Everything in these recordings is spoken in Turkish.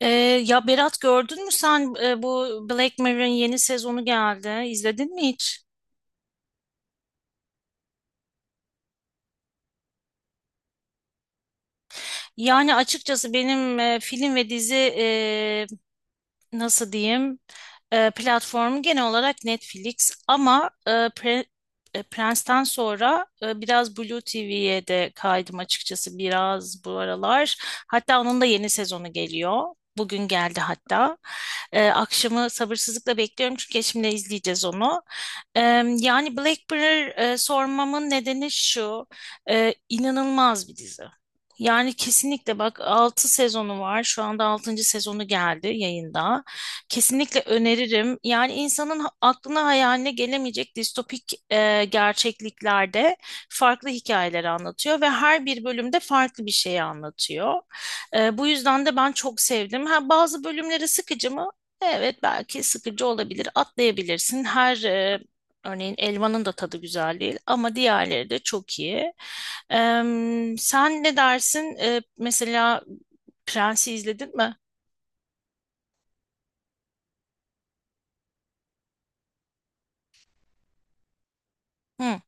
Ee, ya Berat gördün mü sen bu Black Mirror'ın yeni sezonu geldi. İzledin mi hiç? Yani açıkçası benim film ve dizi nasıl diyeyim? Platformu genel olarak Netflix ama Prens'ten sonra biraz Blue TV'ye de kaydım açıkçası biraz bu aralar. Hatta onun da yeni sezonu geliyor. Bugün geldi hatta. Akşamı sabırsızlıkla bekliyorum çünkü eşimle izleyeceğiz onu. E, Yani Black Mirror, sormamın nedeni şu. İnanılmaz bir dizi. Yani kesinlikle bak 6 sezonu var. Şu anda altıncı sezonu geldi yayında. Kesinlikle öneririm. Yani insanın aklına hayaline gelemeyecek distopik gerçekliklerde farklı hikayeleri anlatıyor ve her bir bölümde farklı bir şeyi anlatıyor. Bu yüzden de ben çok sevdim. Ha, bazı bölümleri sıkıcı mı? Evet, belki sıkıcı olabilir. Atlayabilirsin. Örneğin Elvan'ın da tadı güzel değil ama diğerleri de çok iyi. Sen ne dersin? Mesela Prens'i izledin mi? Hı.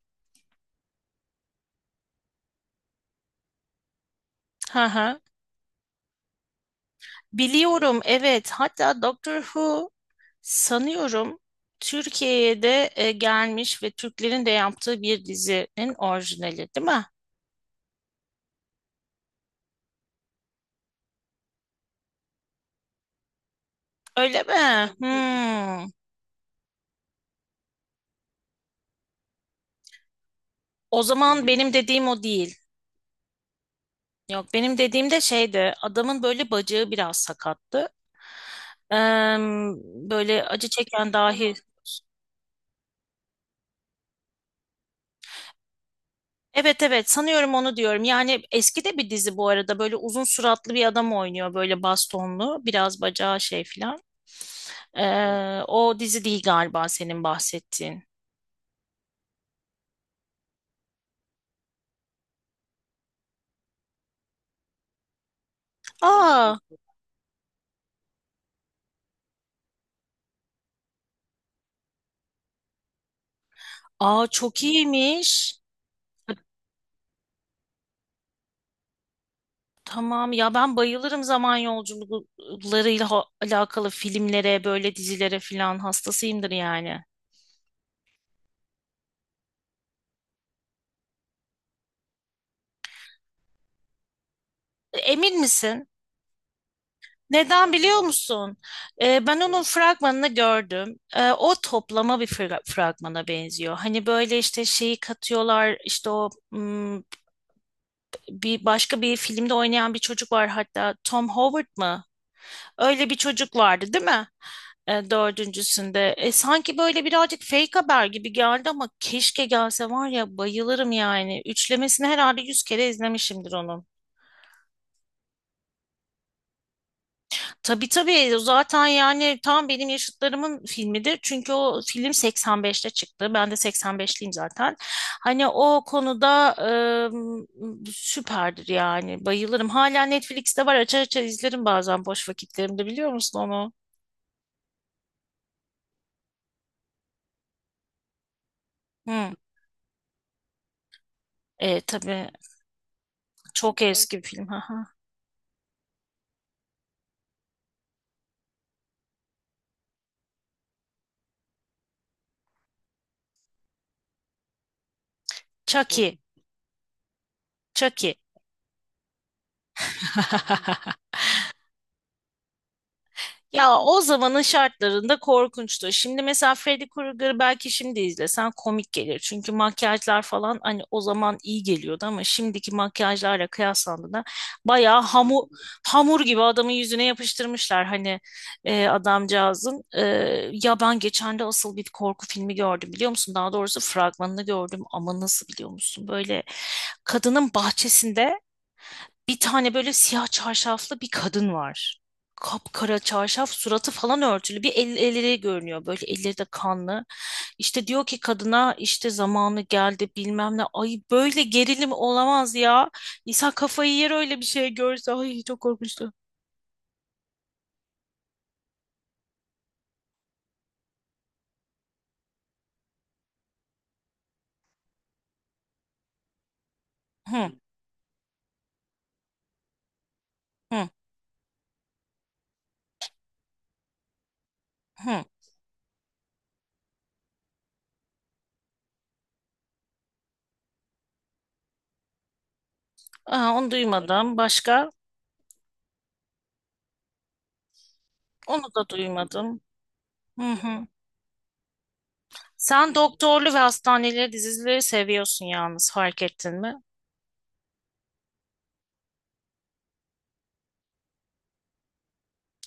Hı hı. Biliyorum evet, hatta Doctor Who sanıyorum Türkiye'ye de gelmiş ve Türklerin de yaptığı bir dizinin orijinali değil mi? Öyle mi? Hmm. O zaman benim dediğim o değil. Yok, benim dediğim de şeydi, adamın böyle bacağı biraz sakattı. Eee, Böyle acı çeken dahi. Evet evet, sanıyorum onu diyorum. Yani eski de bir dizi bu arada, böyle uzun suratlı bir adam oynuyor, böyle bastonlu, biraz bacağı şey filan. O dizi değil galiba senin bahsettiğin. Aa, aa, çok iyiymiş. Tamam ya, ben bayılırım zaman yolculuklarıyla alakalı filmlere, böyle dizilere filan hastasıyımdır yani. Emin misin? Neden biliyor musun? Ben onun fragmanını gördüm. O toplama bir fragmana benziyor. Hani böyle işte şeyi katıyorlar işte o hmm, bir başka bir filmde oynayan bir çocuk var, hatta Tom Howard mı? Öyle bir çocuk vardı değil mi? Dördüncüsünde. Sanki böyle birazcık fake haber gibi geldi ama keşke gelse var ya, bayılırım yani. Üçlemesini herhalde 100 kere izlemişimdir onun. Tabii tabii, o zaten yani tam benim yaşıtlarımın filmidir. Çünkü o film 85'te çıktı. Ben de 85'liyim zaten. Hani o konuda süperdir yani, bayılırım. Hala Netflix'te var, açar açar izlerim bazen boş vakitlerimde, biliyor musun onu? Hı. Tabii. Çok eski bir film. Haha. Chucky. Chucky. Ya o zamanın şartlarında korkunçtu. Şimdi mesela Freddy Krueger belki şimdi izlesen komik gelir. Çünkü makyajlar falan hani o zaman iyi geliyordu ama şimdiki makyajlarla kıyaslandığında bayağı hamur gibi adamın yüzüne yapıştırmışlar. Hani adamcağızın. Ya ben geçen de asıl bir korku filmi gördüm, biliyor musun? Daha doğrusu fragmanını gördüm ama nasıl, biliyor musun? Böyle kadının bahçesinde bir tane böyle siyah çarşaflı bir kadın var. Kapkara çarşaf, suratı falan örtülü. Elleri görünüyor. Böyle elleri de kanlı. İşte diyor ki kadına, işte zamanı geldi bilmem ne. Ay, böyle gerilim olamaz ya. İnsan kafayı yer öyle bir şey görse. Ay, çok korkmuştu. Hı hı hı. Aa, onu duymadım. Başka? Onu da duymadım. Hı hı. Sen doktorlu ve hastaneleri dizileri seviyorsun yalnız, fark ettin mi?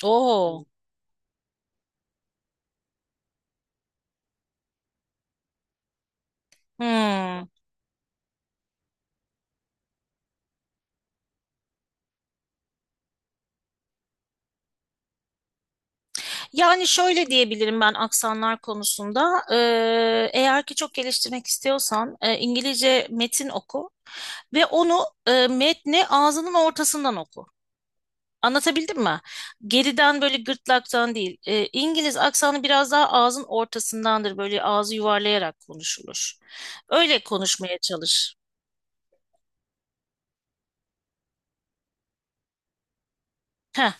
Oo. Hı. Yani şöyle diyebilirim ben aksanlar konusunda. Eğer ki çok geliştirmek istiyorsan İngilizce metin oku ve onu metni ağzının ortasından oku. Anlatabildim mi? Geriden böyle gırtlaktan değil. İngiliz aksanı biraz daha ağzın ortasındandır. Böyle ağzı yuvarlayarak konuşulur. Öyle konuşmaya çalış. Heh,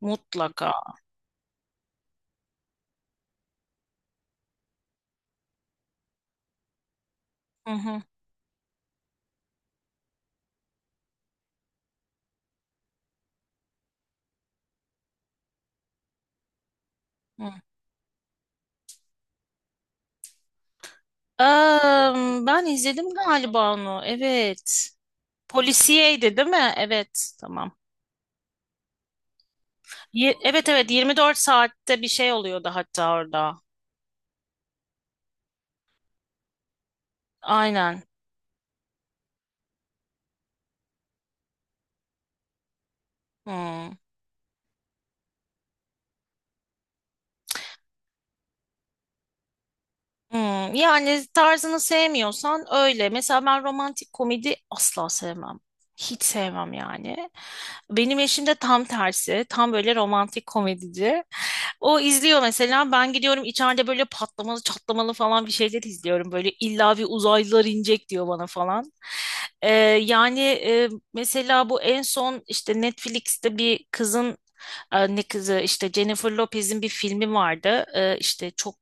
mutlaka. Hı hı, hı. Am, ben izledim galiba onu. Evet. Polisiyeydi değil mi? Evet. Tamam. Evet evet, 24 saatte bir şey oluyordu hatta orada. Aynen. Hmm. Hmm, yani tarzını sevmiyorsan öyle. Mesela ben romantik komedi asla sevmem. Hiç sevmem yani. Benim eşim de tam tersi. Tam böyle romantik komedici. O izliyor mesela. Ben gidiyorum içeride böyle patlamalı çatlamalı falan bir şeyler izliyorum. Böyle illa bir uzaylılar inecek diyor bana falan. Ee, Mesela bu en son işte Netflix'te bir kızın, ne kızı, işte Jennifer Lopez'in bir filmi vardı. İşte çok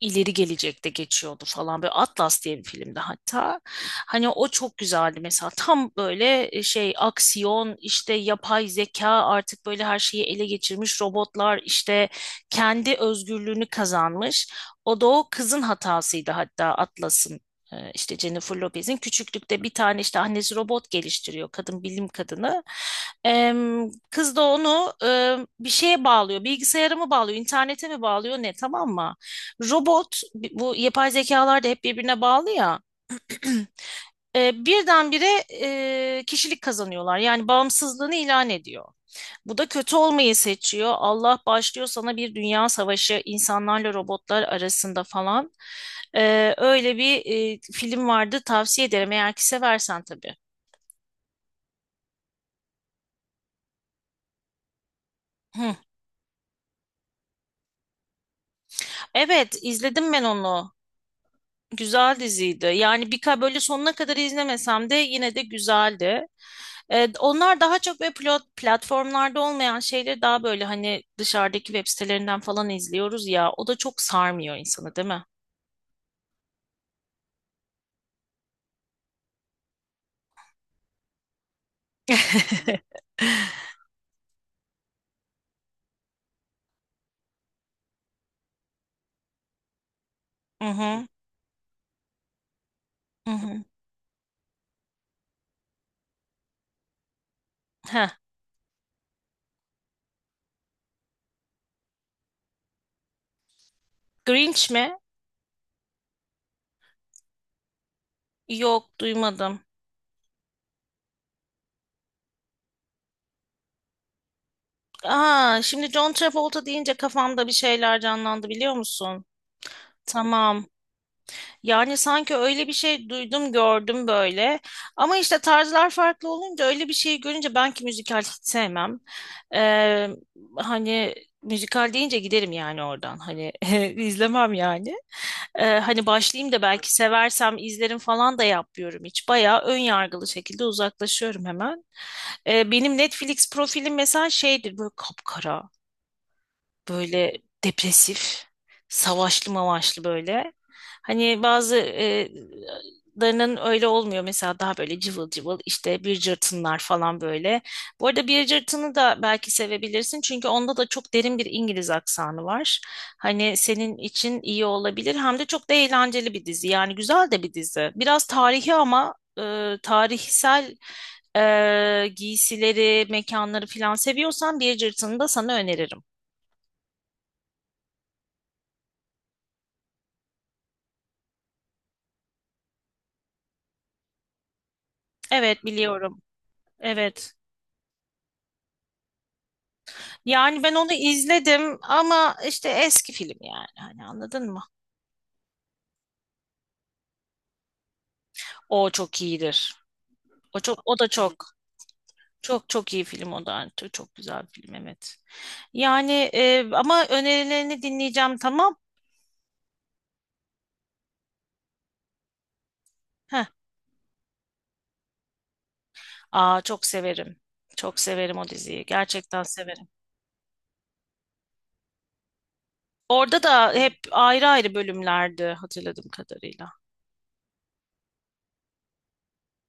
ileri gelecekte geçiyordu falan, böyle Atlas diye bir filmdi hatta. Hani o çok güzeldi mesela, tam böyle şey aksiyon, işte yapay zeka artık böyle her şeyi ele geçirmiş, robotlar işte kendi özgürlüğünü kazanmış. O da o kızın hatasıydı hatta, Atlas'ın. İşte Jennifer Lopez'in küçüklükte bir tane işte annesi robot geliştiriyor, kadın bilim kadını. Kız da onu bir şeye bağlıyor, bilgisayara mı bağlıyor, internete mi bağlıyor ne, tamam mı? Robot, bu yapay zekalar da hep birbirine bağlı ya. Birdenbire kişilik kazanıyorlar. Yani bağımsızlığını ilan ediyor. Bu da kötü olmayı seçiyor. Allah başlıyor sana bir dünya savaşı insanlarla robotlar arasında falan. Öyle bir film vardı, tavsiye ederim eğer ki seversen tabii. Hı. Evet, izledim ben onu. Güzel diziydi. Yani bir böyle sonuna kadar izlemesem de yine de güzeldi. Onlar daha çok böyle platformlarda olmayan şeyleri daha böyle hani dışarıdaki web sitelerinden falan izliyoruz ya. O da çok sarmıyor insanı, değil mi? Hı hı. Hı hı. Heh. Grinch mi? Yok, duymadım. Aa, şimdi John Travolta deyince kafamda bir şeyler canlandı, biliyor musun? Tamam. Yani sanki öyle bir şey duydum gördüm böyle. Ama işte tarzlar farklı olunca öyle bir şeyi görünce, ben ki müzikal hiç sevmem. Ee, Hani müzikal deyince giderim yani oradan. Hani izlemem yani. Hani başlayayım da belki seversem izlerim falan da yapmıyorum hiç. Bayağı ön yargılı şekilde uzaklaşıyorum hemen. Benim Netflix profilim mesela şeydir, böyle kapkara, böyle depresif, savaşlı mavaşlı böyle. Hani bazı larının öyle olmuyor. Mesela daha böyle cıvıl cıvıl işte bir cırtınlar falan böyle. Bu arada bir cırtını da belki sevebilirsin. Çünkü onda da çok derin bir İngiliz aksanı var. Hani senin için iyi olabilir. Hem de çok da eğlenceli bir dizi. Yani güzel de bir dizi. Biraz tarihi ama tarihsel giysileri, mekanları falan seviyorsan bir cırtını da sana öneririm. Evet, biliyorum. Evet. Yani ben onu izledim ama işte eski film yani. Hani anladın mı? O çok iyidir. O da çok çok iyi film o da. Yani çok, çok güzel bir film, evet. Yani ama önerilerini dinleyeceğim, tamam. Heh. Aa, çok severim. Çok severim o diziyi. Gerçekten severim. Orada da hep ayrı ayrı bölümlerdi hatırladığım kadarıyla.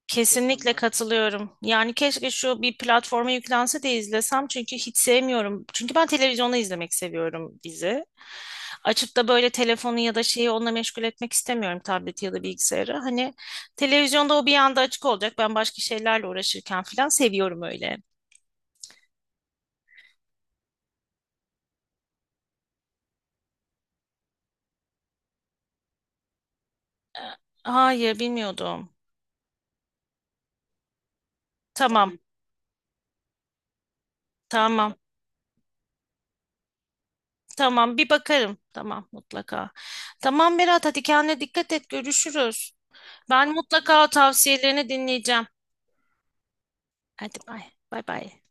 Kesinlikle katılıyorum. Yani keşke şu bir platforma yüklense de izlesem, çünkü hiç sevmiyorum. Çünkü ben televizyonda izlemek seviyorum dizi. Açıp da böyle telefonu ya da şeyi onunla meşgul etmek istemiyorum, tableti ya da bilgisayarı. Hani televizyonda o bir anda açık olacak. Ben başka şeylerle uğraşırken falan seviyorum öyle. Ee, Hayır, bilmiyordum. Tamam, tamam. Tamam, bir bakarım. Tamam, mutlaka. Tamam Berat, hadi kendine dikkat et, görüşürüz. Ben mutlaka tavsiyelerini dinleyeceğim. Hadi bay bay.